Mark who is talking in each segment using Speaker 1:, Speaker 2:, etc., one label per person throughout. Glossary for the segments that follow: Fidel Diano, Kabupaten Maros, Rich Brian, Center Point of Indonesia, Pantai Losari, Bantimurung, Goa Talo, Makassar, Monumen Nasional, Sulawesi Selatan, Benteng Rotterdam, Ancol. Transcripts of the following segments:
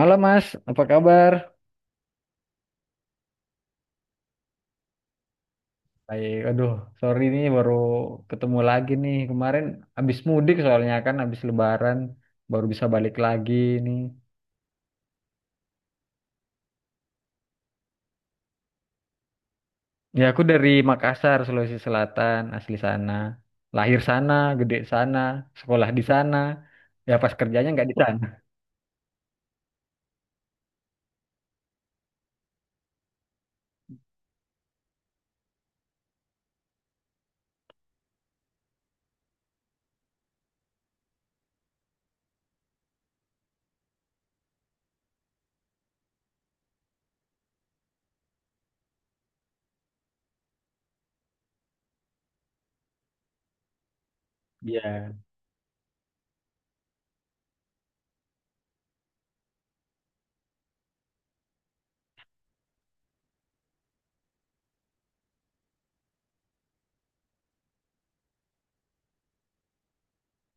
Speaker 1: Malam Mas, apa kabar? Baik, aduh, sorry nih baru ketemu lagi nih. Kemarin habis mudik soalnya kan habis lebaran baru bisa balik lagi nih. Ya aku dari Makassar, Sulawesi Selatan, asli sana. Lahir sana, gede sana, sekolah di sana. Ya pas kerjanya nggak di sana. Iya.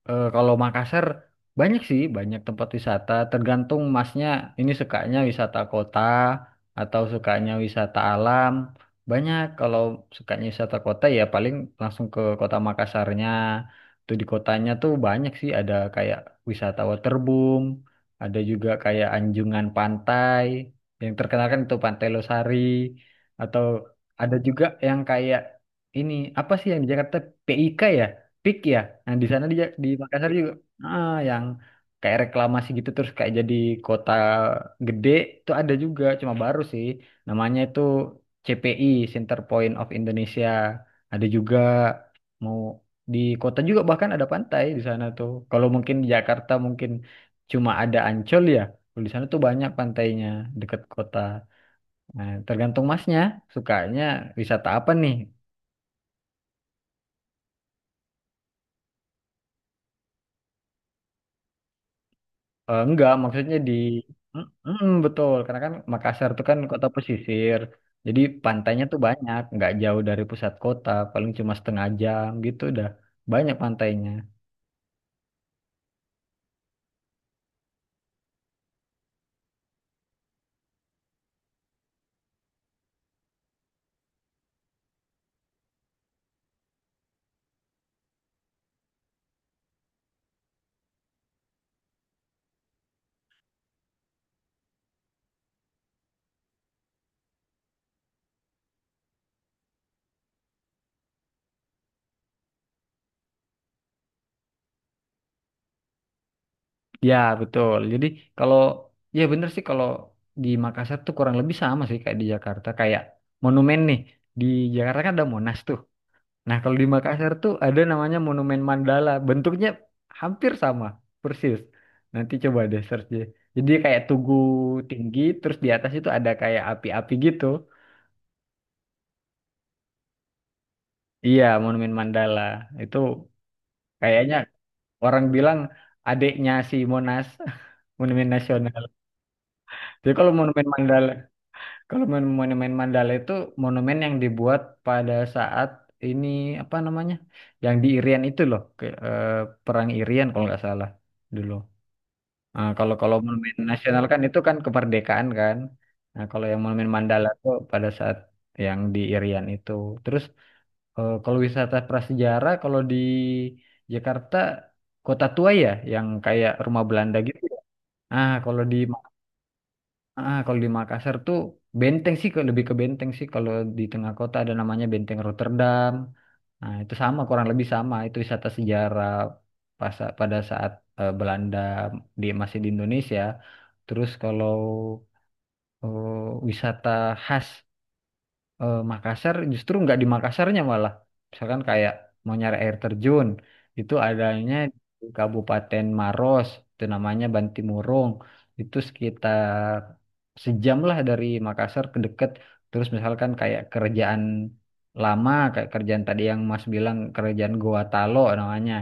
Speaker 1: Kalau Makassar banyak sih, banyak tempat wisata. Tergantung masnya ini sukanya wisata kota atau sukanya wisata alam. Banyak kalau sukanya wisata kota ya paling langsung ke kota Makassarnya. Tuh di kotanya tuh banyak sih, ada kayak wisata waterboom, ada juga kayak anjungan pantai yang terkenal kan itu Pantai Losari, atau ada juga yang kayak ini, apa sih yang di Jakarta, PIK ya? Pik ya. Nah, di sana di di Makassar juga, yang kayak reklamasi gitu, terus kayak jadi kota gede itu ada juga, cuma baru sih. Namanya itu CPI, Center Point of Indonesia. Ada juga, mau di kota juga bahkan ada pantai di sana tuh. Kalau mungkin di Jakarta mungkin cuma ada Ancol ya. Kalau di sana tuh banyak pantainya, deket kota. Nah, tergantung masnya sukanya wisata apa nih. Enggak, maksudnya di, betul, karena kan Makassar itu kan kota pesisir. Jadi pantainya tuh banyak, nggak jauh dari pusat kota, paling cuma setengah jam gitu udah banyak pantainya. Ya, betul. Jadi kalau ya bener sih, kalau di Makassar tuh kurang lebih sama sih kayak di Jakarta, kayak monumen nih. Di Jakarta kan ada Monas tuh. Nah, kalau di Makassar tuh ada namanya Monumen Mandala. Bentuknya hampir sama, persis. Nanti coba deh search deh. Jadi kayak tugu tinggi, terus di atas itu ada kayak api-api gitu. Iya, Monumen Mandala. Itu kayaknya orang bilang adiknya si Monas, Monumen Nasional. Jadi kalau Monumen Mandala, kalau Monumen Mandala itu monumen yang dibuat pada saat ini, apa namanya? Yang di Irian itu loh, Perang Irian kalau nggak salah dulu. Nah, kalau kalau monumen nasional kan itu kan kemerdekaan kan. Nah, kalau yang monumen Mandala tuh pada saat yang di Irian itu. Terus kalau wisata prasejarah, kalau di Jakarta Kota Tua ya, yang kayak rumah Belanda gitu. Ya. Ah, kalau di kalau di Makassar tuh benteng sih, lebih ke benteng sih, kalau di tengah kota ada namanya Benteng Rotterdam. Nah, itu sama, kurang lebih sama. Itu wisata sejarah pas pada saat Belanda di masih di Indonesia. Terus kalau wisata khas Makassar, justru nggak di Makassarnya, malah misalkan kayak mau nyari air terjun, itu adanya di Kabupaten Maros, itu namanya Bantimurung. Itu sekitar sejam lah dari Makassar ke deket. Terus misalkan kayak kerjaan lama, kayak kerjaan tadi yang Mas bilang, kerjaan Goa Talo namanya,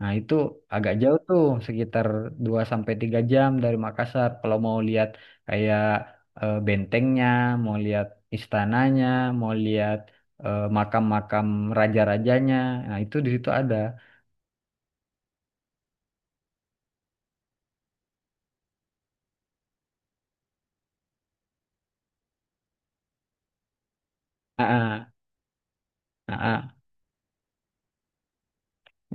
Speaker 1: nah itu agak jauh tuh, sekitar 2 sampai 3 jam dari Makassar, kalau mau lihat kayak bentengnya, mau lihat istananya, mau lihat makam-makam raja-rajanya. Nah, itu di situ ada. Ah, ah, ah, ah.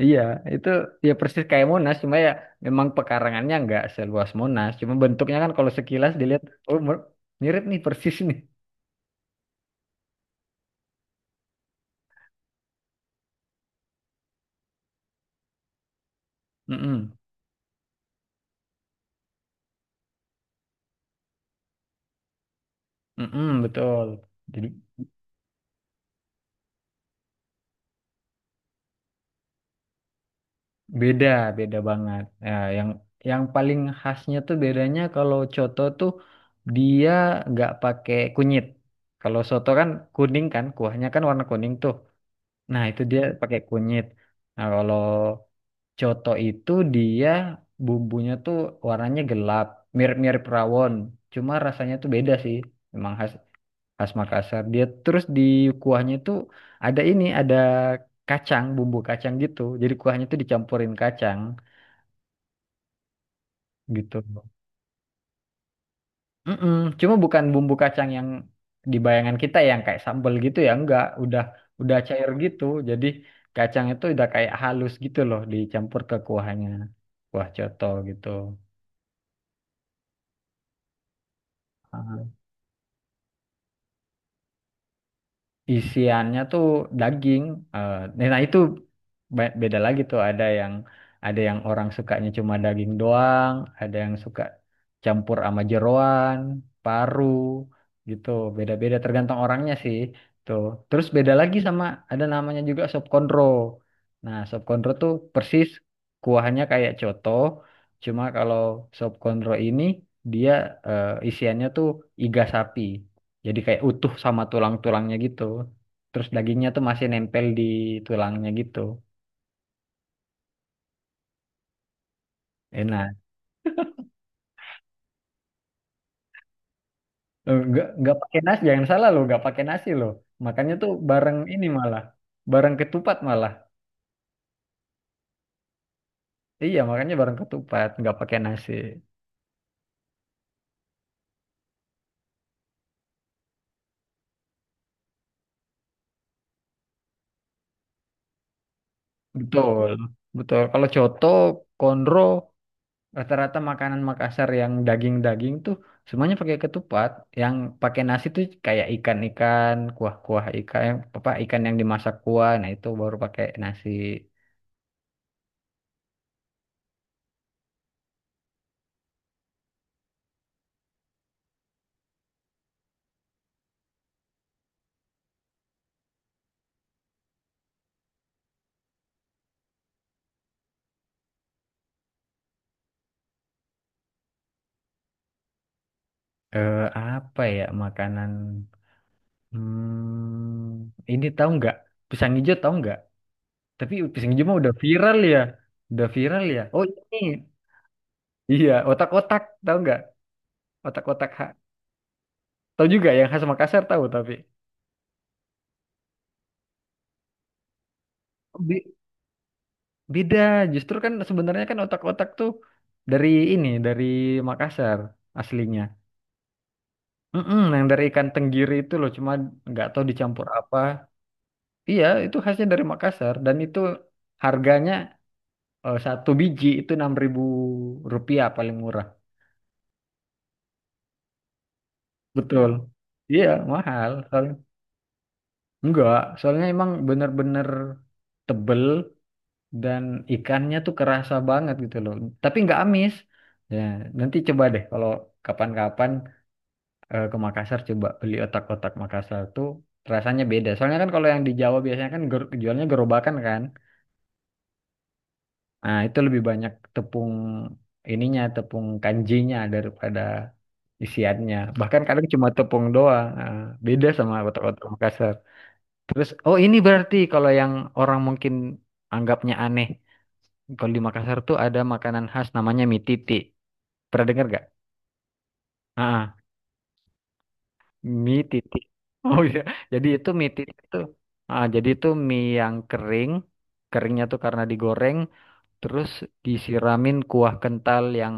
Speaker 1: Iya, itu ya persis kayak Monas, cuma ya memang pekarangannya nggak seluas Monas. Cuma bentuknya kan kalau sekilas dilihat, oh mer- mirip nih persis nih. Mm-mm, mm-mm, betul. Jadi beda, beda banget. Ya, yang yang paling khasnya tuh bedanya, kalau coto tuh dia nggak pakai kunyit. Kalau soto kan kuning kan, kuahnya kan warna kuning tuh. Nah, itu dia pakai kunyit. Nah, kalau coto itu dia bumbunya tuh warnanya gelap, mirip-mirip rawon. Cuma rasanya tuh beda sih. Memang khas, khas Makassar. Dia terus di kuahnya tuh ada ini, ada kacang, bumbu kacang gitu. Jadi kuahnya tuh dicampurin kacang gitu. Mm-mm. Cuma bukan bumbu kacang yang di bayangan kita yang kayak sambal gitu ya, enggak, udah cair gitu. Jadi kacang itu udah kayak halus gitu loh, dicampur ke kuahnya. Kuah coto gitu. Isiannya tuh daging. eh, nah itu Beda lagi tuh, ada yang, orang sukanya cuma daging doang, ada yang suka campur sama jeroan, paru gitu. Beda-beda tergantung orangnya sih tuh. Terus beda lagi sama, ada namanya juga sop konro. Nah, sop konro tuh persis kuahnya kayak coto, cuma kalau sop konro ini dia isiannya tuh iga sapi. Jadi kayak utuh sama tulang-tulangnya gitu. Terus dagingnya tuh masih nempel di tulangnya gitu. Enak. Nggak pakai nasi, jangan salah loh, nggak pakai nasi loh. Makannya tuh bareng ini malah, bareng ketupat malah. Iya, makanya bareng ketupat, nggak pakai nasi. Betul, betul. Kalau coto, konro, rata-rata makanan Makassar yang daging-daging tuh semuanya pakai ketupat. Yang pakai nasi tuh kayak ikan-ikan, kuah-kuah ikan, apa ikan yang dimasak kuah, nah itu baru pakai nasi. Apa ya makanan? Hmm, ini tahu nggak? Pisang hijau tahu nggak? Tapi pisang hijau mah udah viral ya, udah viral ya. Oh ini, iya, otak-otak tahu nggak? Otak-otak ha. Tahu juga yang khas Makassar, tahu tapi Be- beda. Justru kan sebenarnya kan otak-otak tuh dari ini, dari Makassar aslinya. Mm-mm, yang dari ikan tenggiri itu loh, cuma nggak tahu dicampur apa. Iya, itu khasnya dari Makassar, dan itu harganya, satu biji itu Rp6.000 paling murah. Betul. Iya, mahal. Soalnya, enggak, soalnya emang bener-bener tebel dan ikannya tuh kerasa banget gitu loh. Tapi enggak amis. Ya, nanti coba deh kalau kapan-kapan ke Makassar coba beli otak-otak Makassar, tuh rasanya beda. Soalnya kan kalau yang di Jawa biasanya kan jualnya gerobakan kan. Nah, itu lebih banyak tepung ininya, tepung kanjinya daripada isiannya, bahkan kadang cuma tepung doang. Nah, beda sama otak-otak Makassar. Terus, oh ini berarti kalau yang orang mungkin anggapnya aneh, kalau di Makassar tuh ada makanan khas namanya mie titik, pernah dengar gak? ah ah, Mie titik. Oh iya, jadi itu mie titik itu, jadi itu mie yang kering. Keringnya tuh karena digoreng, terus disiramin kuah kental yang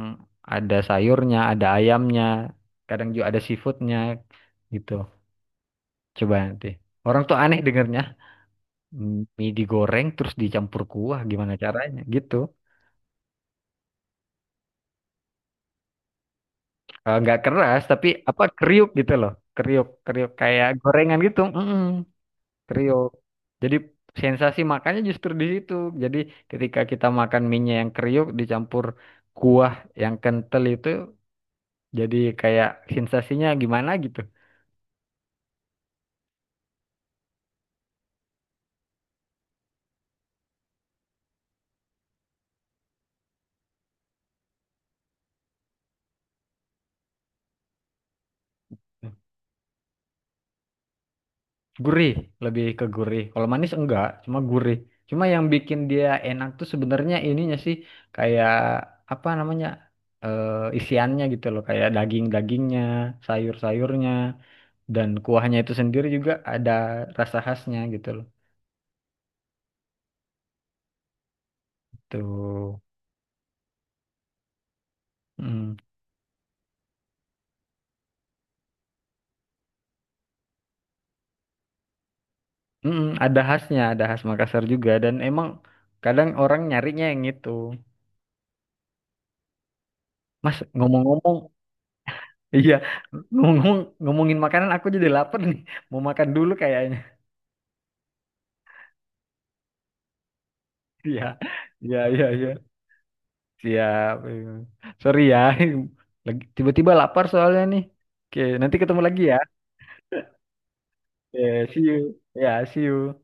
Speaker 1: ada sayurnya, ada ayamnya, kadang juga ada seafoodnya gitu. Coba nanti. Orang tuh aneh dengernya. Mie digoreng terus dicampur kuah. Gimana caranya? Gitu. Nggak keras, tapi apa, kriuk gitu loh. Kriuk, kriuk kayak gorengan gitu. Mm-mm, kriuk. Jadi sensasi makannya justru di situ. Jadi ketika kita makan mie yang kriuk dicampur kuah yang kental itu, jadi kayak sensasinya gimana gitu. Gurih, lebih ke gurih. Kalau manis enggak, cuma gurih. Cuma yang bikin dia enak tuh sebenarnya ininya sih, kayak apa namanya? eh, Isiannya gitu loh, kayak daging-dagingnya, sayur-sayurnya, dan kuahnya itu sendiri juga ada rasa khasnya gitu loh. Tuh. Mm. Mm-mm, ada khasnya, ada khas Makassar juga, dan emang kadang orang nyarinya yang itu. Mas, ngomong-ngomong, iya, ngomong ngomongin makanan aku jadi lapar nih. Mau makan dulu kayaknya. Iya, iya, iya, iya. Siap. Iya. Sorry ya, lagi tiba-tiba lapar soalnya nih. Oke, nanti ketemu lagi ya. Oke, see you. Ya, see you.